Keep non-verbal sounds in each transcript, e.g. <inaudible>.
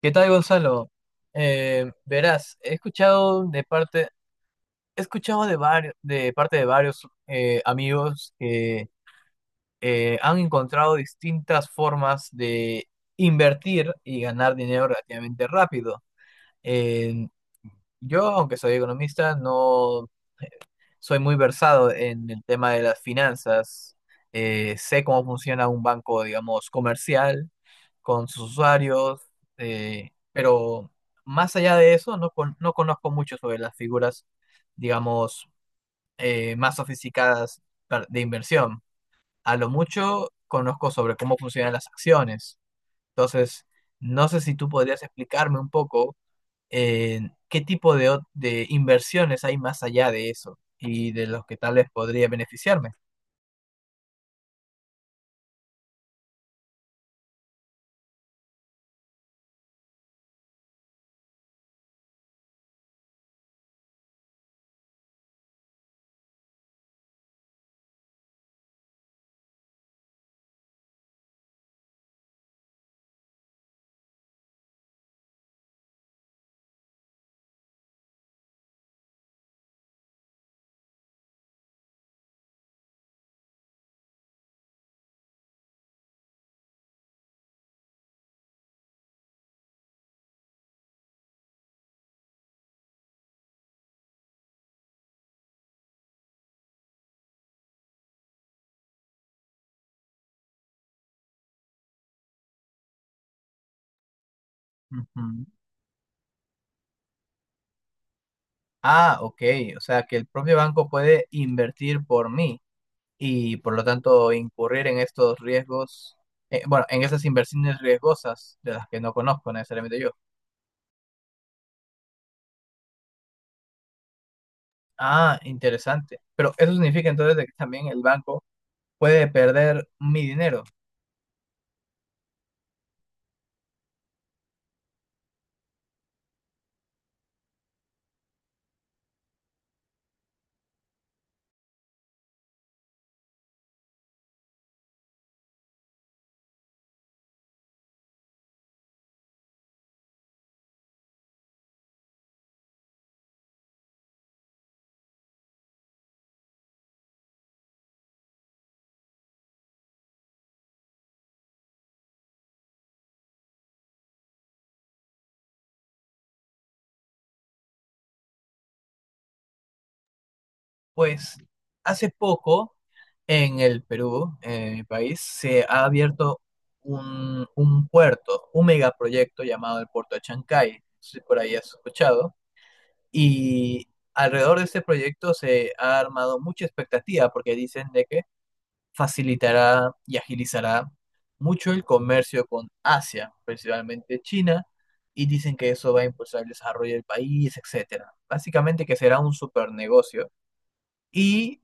¿Qué tal, Gonzalo? Verás, he escuchado de varios, de parte de varios amigos que han encontrado distintas formas de invertir y ganar dinero relativamente rápido. Eh, yo, aunque soy economista, no soy muy versado en el tema de las finanzas. Sé cómo funciona un banco, digamos, comercial con sus usuarios, pero más allá de eso, no, no conozco mucho sobre las figuras, digamos, más sofisticadas de inversión. A lo mucho conozco sobre cómo funcionan las acciones. Entonces, no sé si tú podrías explicarme un poco eh, qué tipo de, de inversiones hay más allá de eso y de los que tal vez podría beneficiarme. Ujú. Ah, ok, o sea que el propio banco puede invertir por mí, y por lo tanto incurrir en estos riesgos, bueno, en esas inversiones riesgosas de las que no conozco necesariamente yo. Ah, interesante. Pero eso significa entonces de que también el banco puede perder mi dinero. Pues hace poco en el Perú, en mi país, se ha abierto un puerto, un megaproyecto llamado el Puerto de Chancay, no si por ahí has escuchado, y alrededor de este proyecto se ha armado mucha expectativa porque dicen de que facilitará y agilizará mucho el comercio con Asia, principalmente China, y dicen que eso va a impulsar el desarrollo del país, etcétera. Básicamente que será un super negocio. Y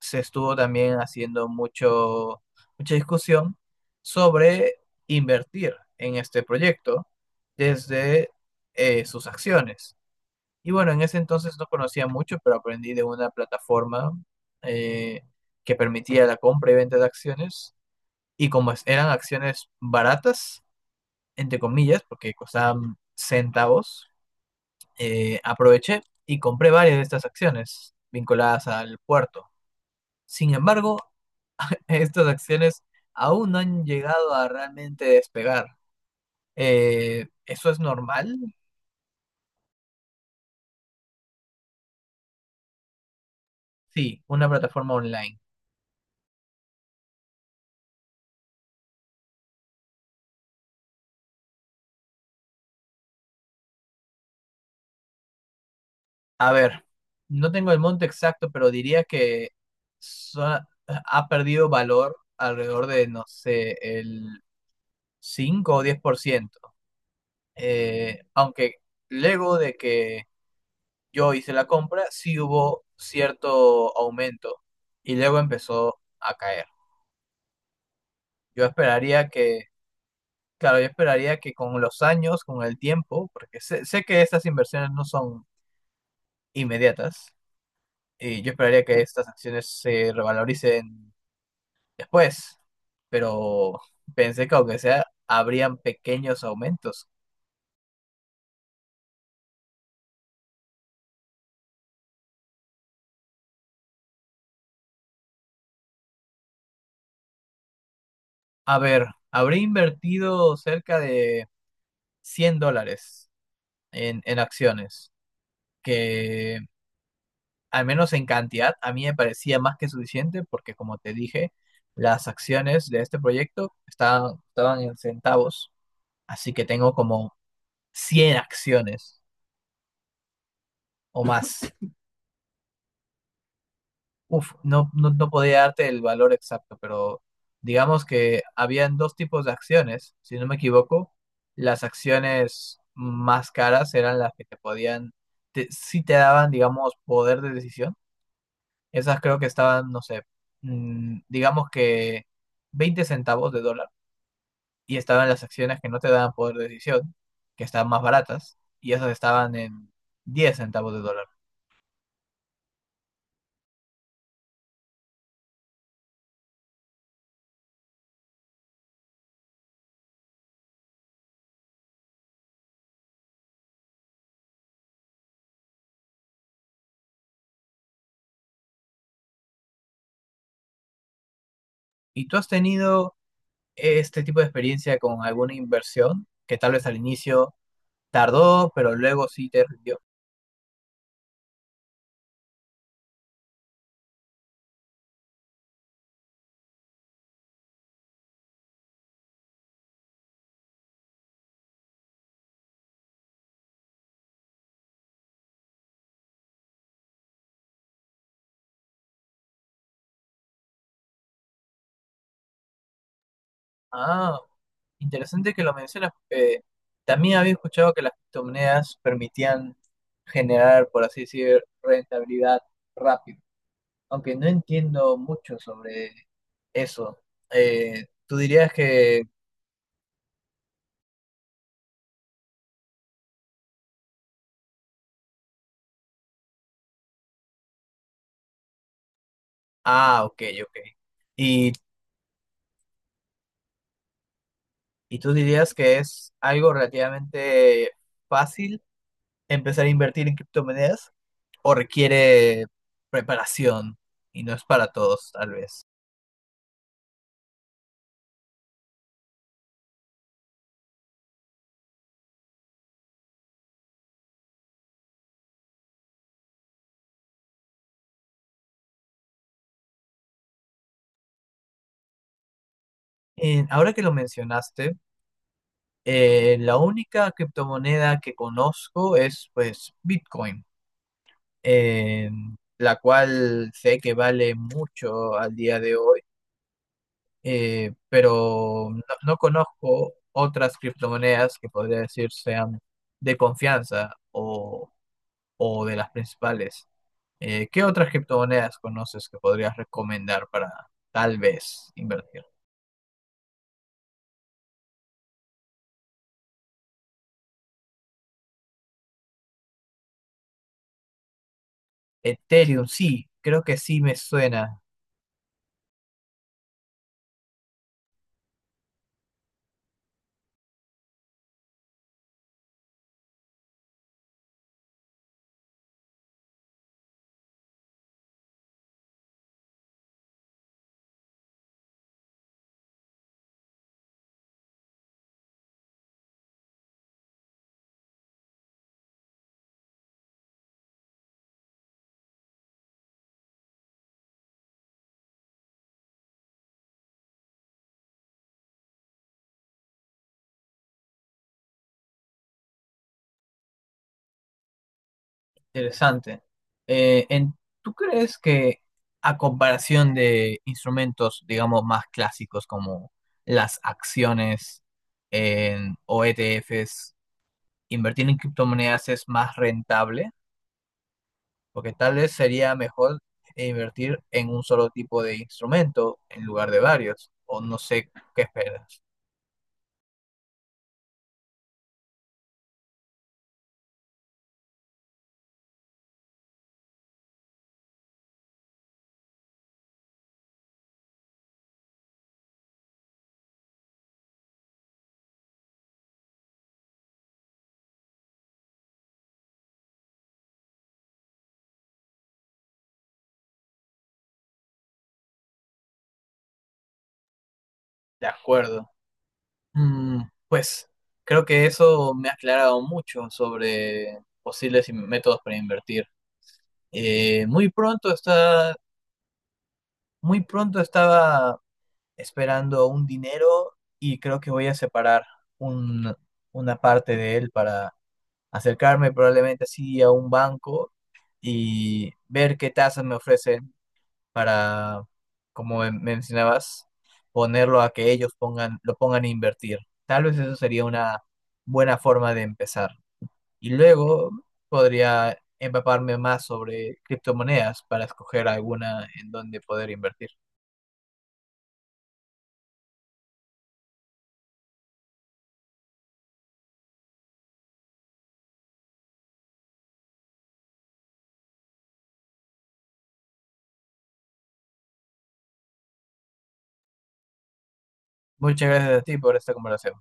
se estuvo también haciendo mucho, mucha discusión sobre invertir en este proyecto desde sus acciones. Y bueno, en ese entonces no conocía mucho, pero aprendí de una plataforma eh, que permitía la compra y venta de acciones, y como eran acciones baratas, entre comillas, porque costaban centavos, aproveché y compré varias de estas acciones vinculadas al puerto. Sin embargo, <laughs> estas acciones aún no han llegado a realmente despegar. ¿Eso es normal? Sí, una plataforma online. A ver, no tengo el monto exacto, pero diría que so- ha perdido valor alrededor de, no sé, el 5 o 10%. Aunque luego de que yo hice la compra, sí hubo cierto aumento y luego empezó a caer. Yo esperaría que, claro, yo esperaría que con los años, con el tiempo, porque sé, sé que estas inversiones no son inmediatas, y yo esperaría que estas acciones se revaloricen después, pero pensé que aunque sea, habrían pequeños aumentos. A ver, habría invertido cerca de 100 dólares en acciones, que al menos en cantidad a mí me parecía más que suficiente porque como te dije, las acciones de este proyecto estaban en centavos, así que tengo como 100 acciones o más. Uf, no, no, no podía darte el valor exacto, pero digamos que habían dos tipos de acciones, si no me equivoco. Las acciones más caras eran las que sí te daban, digamos, poder de decisión. Esas creo que estaban, no sé, digamos que 20 centavos de dólar, y estaban las acciones que no te daban poder de decisión, que estaban más baratas, y esas estaban en 10 centavos de dólar. ¿Y tú has tenido este tipo de experiencia con alguna inversión que tal vez al inicio tardó, pero luego sí te rindió? Ah, interesante que lo mencionas, porque también había escuchado que las criptomonedas permitían generar, por así decir, rentabilidad rápido. Aunque no entiendo mucho sobre eso, tú dirías que, ah, ok, ok. Y, y tú dirías que es algo relativamente fácil empezar a invertir en criptomonedas, o requiere preparación y no es para todos, tal vez. Ahora que lo mencionaste, la única criptomoneda que conozco es pues Bitcoin, eh, la cual sé que vale mucho al día de hoy, pero no, no conozco otras criptomonedas que podría decir sean de confianza, o de las principales. ¿Qué otras criptomonedas conoces que podrías recomendar para tal vez invertir? Ethereum, sí, creo que sí me suena interesante. Eh, en- ¿Tú crees que a comparación de instrumentos, digamos, más clásicos como las acciones o ETFs, invertir en criptomonedas es más rentable? Porque tal vez sería mejor invertir en un solo tipo de instrumento en lugar de varios, o no sé qué esperas. De acuerdo. Pues creo que eso me ha aclarado mucho sobre posibles métodos para invertir. Eh, muy pronto está, Muy pronto estaba esperando un dinero, y creo que voy a separar un- una parte de él para acercarme probablemente así a un banco y ver qué tasas me ofrecen para, como mencionabas, ponerlo a que ellos pongan, lo pongan a invertir. Tal vez eso sería una buena forma de empezar. Y luego podría empaparme más sobre criptomonedas para escoger alguna en donde poder invertir. Muchas gracias a ti por esta conversación.